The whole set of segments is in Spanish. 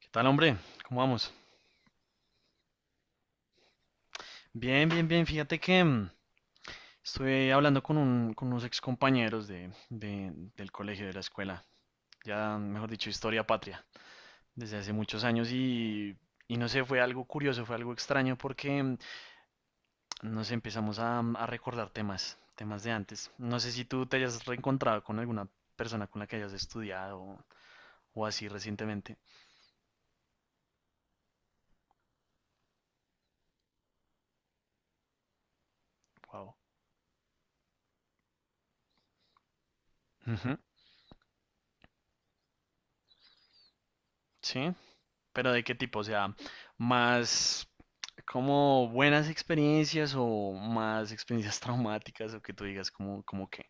¿Qué tal, hombre? ¿Cómo vamos? Bien, bien, bien. Fíjate que estuve hablando con unos excompañeros del colegio, de la escuela, ya mejor dicho, historia patria, desde hace muchos años no sé, fue algo curioso, fue algo extraño porque nos empezamos a recordar temas de antes. No sé si tú te hayas reencontrado con alguna persona con la que hayas estudiado o así recientemente. Wow. Ujú. Sí, pero ¿de qué tipo? O sea, más. Como buenas experiencias o más experiencias traumáticas o que tú digas como que,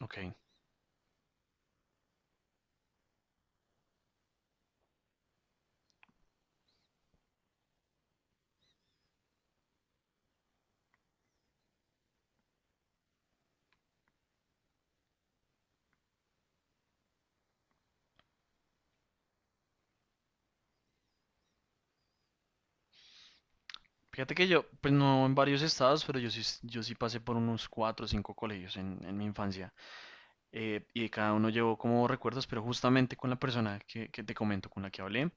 ok. Fíjate que yo, pues no en varios estados, pero yo sí, yo sí pasé por unos cuatro o cinco colegios en mi infancia. Y de cada uno llevo como recuerdos, pero justamente con la persona que te comento, con la que hablé.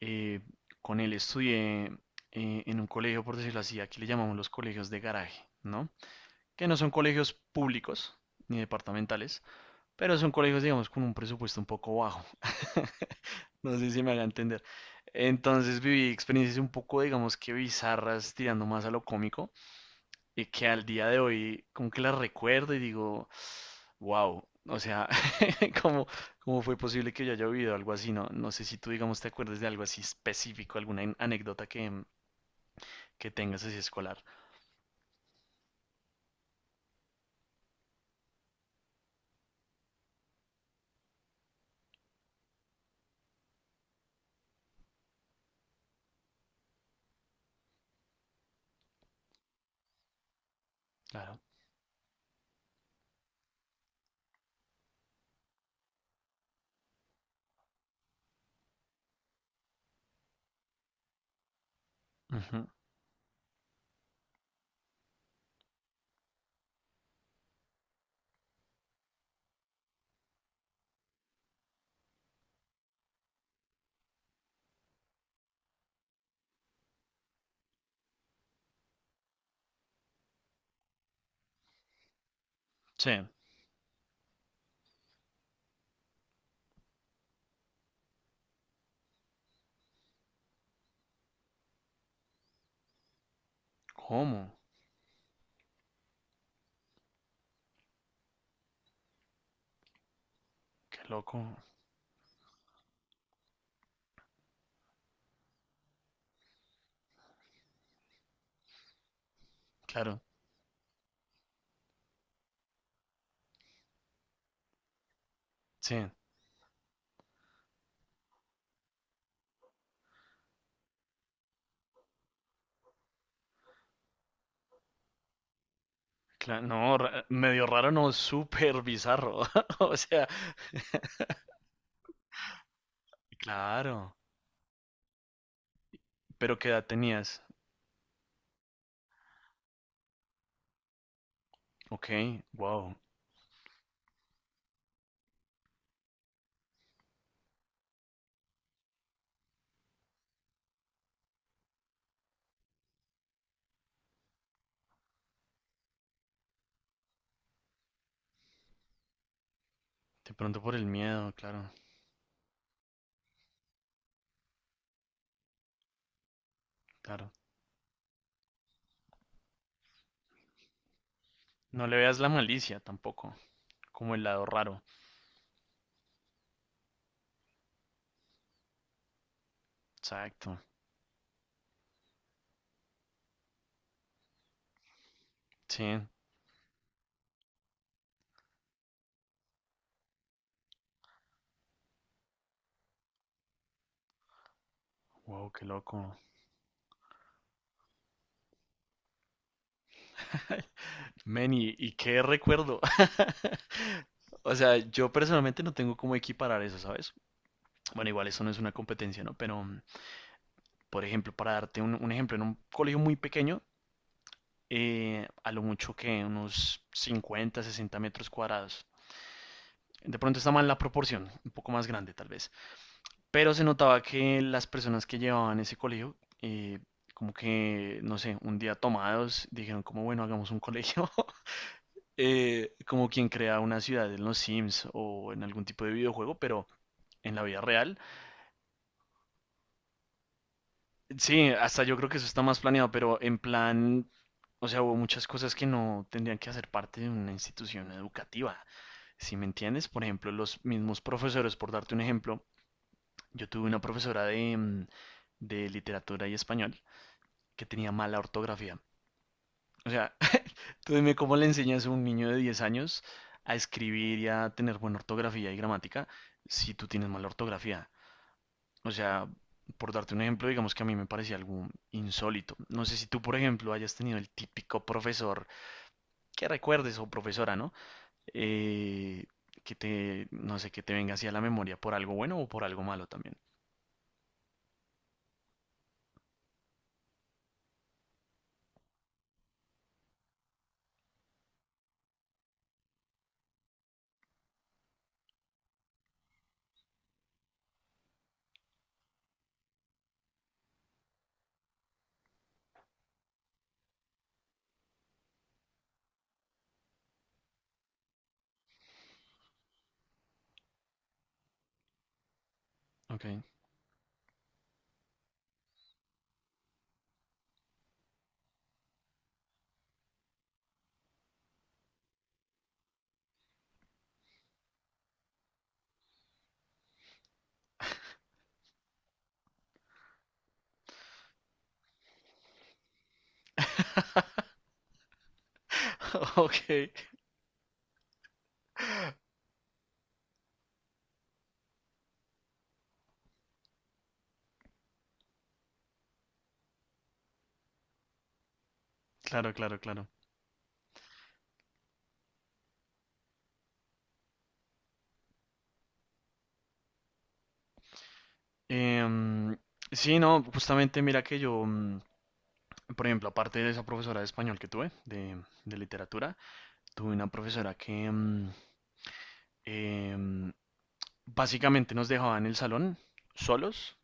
eh, con él estudié en un colegio, por decirlo así, aquí le llamamos los colegios de garaje, ¿no? Que no son colegios públicos ni departamentales, pero son colegios, digamos, con un presupuesto un poco bajo. No sé si me haga entender. Entonces viví experiencias un poco, digamos que bizarras, tirando más a lo cómico, y que al día de hoy como que las recuerdo y digo, wow, o sea, ¿cómo, cómo fue posible que yo haya vivido algo así? No sé si tú, digamos, te acuerdas de algo así específico, alguna anécdota que tengas así escolar. Claro. Ujú. Sí. ¿Cómo? Qué loco. Claro. Sí. No, medio raro, no, súper bizarro. O sea, claro, pero ¿qué edad tenías? Ok, wow, de pronto por el miedo, claro, claro. No le veas la malicia tampoco, como el lado raro. Exacto, sí, wow, qué loco. Men, y qué recuerdo. O sea, yo personalmente no tengo cómo equiparar eso, ¿sabes? Bueno, igual eso no es una competencia, ¿no? Pero, por ejemplo, para darte un ejemplo, en un colegio muy pequeño, a lo mucho que unos 50, 60 metros cuadrados. De pronto está mal la proporción, un poco más grande tal vez. Pero se notaba que las personas que llevaban ese colegio, eh, como que, no sé, un día tomados, dijeron como, bueno, hagamos un colegio, como quien crea una ciudad en los Sims o en algún tipo de videojuego, pero en la vida real. Sí, hasta yo creo que eso está más planeado, pero en plan, o sea, hubo muchas cosas que no tendrían que hacer parte de una institución educativa, si me entiendes. Por ejemplo, los mismos profesores, por darte un ejemplo, yo tuve una profesora de literatura y español, que tenía mala ortografía. O sea, tú dime cómo le enseñas a un niño de 10 años a escribir y a tener buena ortografía y gramática si tú tienes mala ortografía. O sea, por darte un ejemplo, digamos que a mí me parecía algo insólito. No sé si tú, por ejemplo, hayas tenido el típico profesor que recuerdes o profesora, ¿no? Eh, que te, no sé, que te venga así a la memoria por algo bueno o por algo malo también. Ok. Ok, claro, claro, claro. Em, sí, no, justamente mira que yo, por ejemplo, aparte de esa profesora de español que tuve, de literatura, tuve una profesora que em, básicamente nos dejaba en el salón solos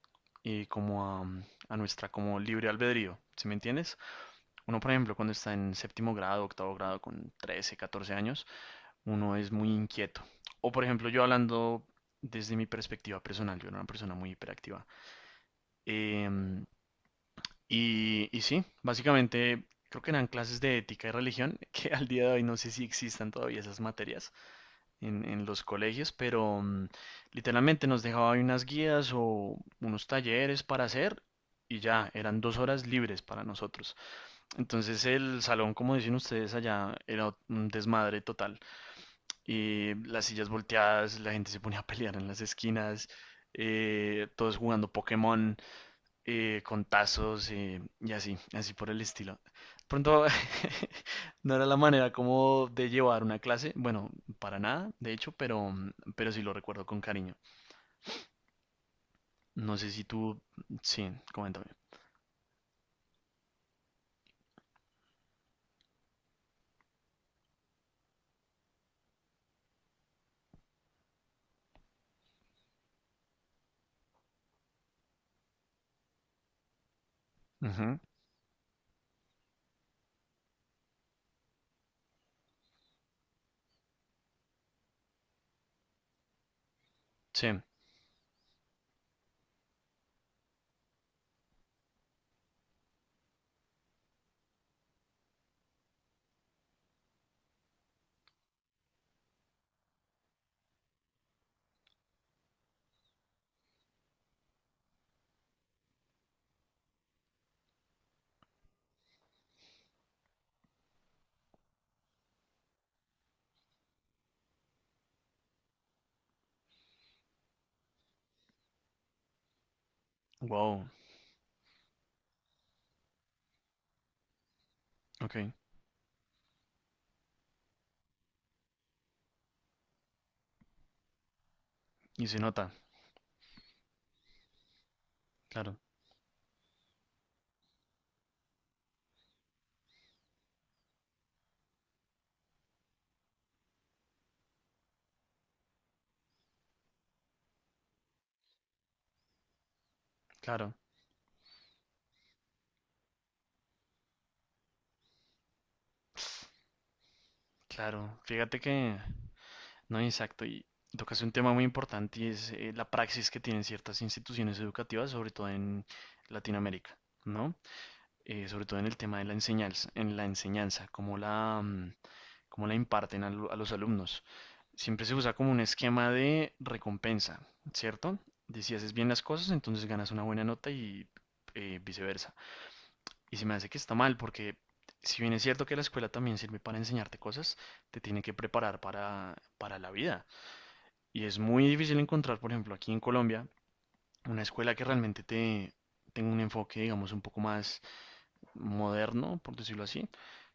y como a nuestra como libre albedrío, ¿sí me entiendes? Uno, por ejemplo, cuando está en séptimo grado, octavo grado, con 13, 14 años, uno es muy inquieto. O, por ejemplo, yo hablando desde mi perspectiva personal, yo era una persona muy hiperactiva. Em, y sí, básicamente creo que eran clases de ética y religión, que al día de hoy no sé si existan todavía esas materias en los colegios, pero literalmente nos dejaba ahí unas guías o unos talleres para hacer y ya, eran 2 horas libres para nosotros. Entonces el salón, como dicen ustedes allá, era un desmadre total. Y las sillas volteadas, la gente se ponía a pelear en las esquinas, todos jugando Pokémon con tazos y así, así por el estilo. Pronto no era la manera como de llevar una clase, bueno, para nada, de hecho, pero, sí lo recuerdo con cariño. No sé si tú, sí, coméntame. Ujú, sí, wow, ok, y se nota, claro, claro, claro. Fíjate que No, exacto. Y tocas un tema muy importante y es la praxis que tienen ciertas instituciones educativas, sobre todo en Latinoamérica, ¿no? Sobre todo en el tema de la enseñanza, en la enseñanza, cómo la imparten a los alumnos. Siempre se usa como un esquema de recompensa, ¿cierto? De si haces bien las cosas, entonces ganas una buena nota y viceversa. Y se me hace que está mal porque si bien es cierto que la escuela también sirve para enseñarte cosas, te tiene que preparar para la vida y es muy difícil encontrar, por ejemplo, aquí en Colombia, una escuela que realmente te tenga un enfoque, digamos, un poco más moderno, por decirlo así,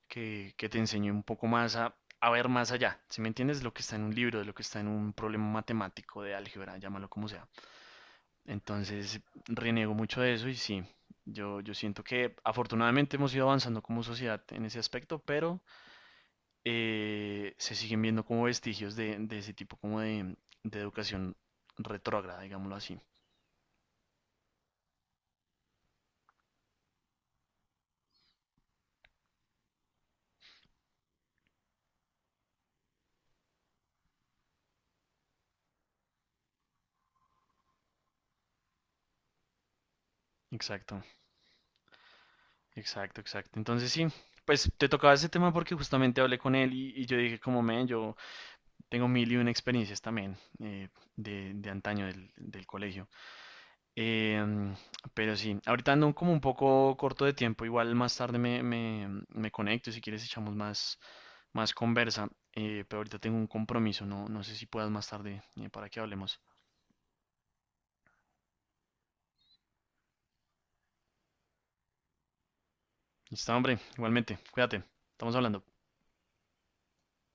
que te enseñe un poco más a ver más allá. Si me entiendes, lo que está en un libro, de lo que está en un problema matemático de álgebra, llámalo como sea. Entonces, reniego mucho de eso y sí, yo siento que afortunadamente hemos ido avanzando como sociedad en ese aspecto, pero se siguen viendo como vestigios de ese tipo como de educación retrógrada, digámoslo así. Exacto, exacto, exacto. Entonces sí, pues te tocaba ese tema porque justamente hablé con él y yo dije como, men, yo tengo mil y una experiencias también de antaño del colegio. Em, pero sí, ahorita ando como un poco corto de tiempo, igual más tarde me conecto, y si quieres echamos más, conversa, pero ahorita tengo un compromiso, no sé si puedas más tarde para que hablemos. Listo, hombre, igualmente, cuídate, estamos hablando.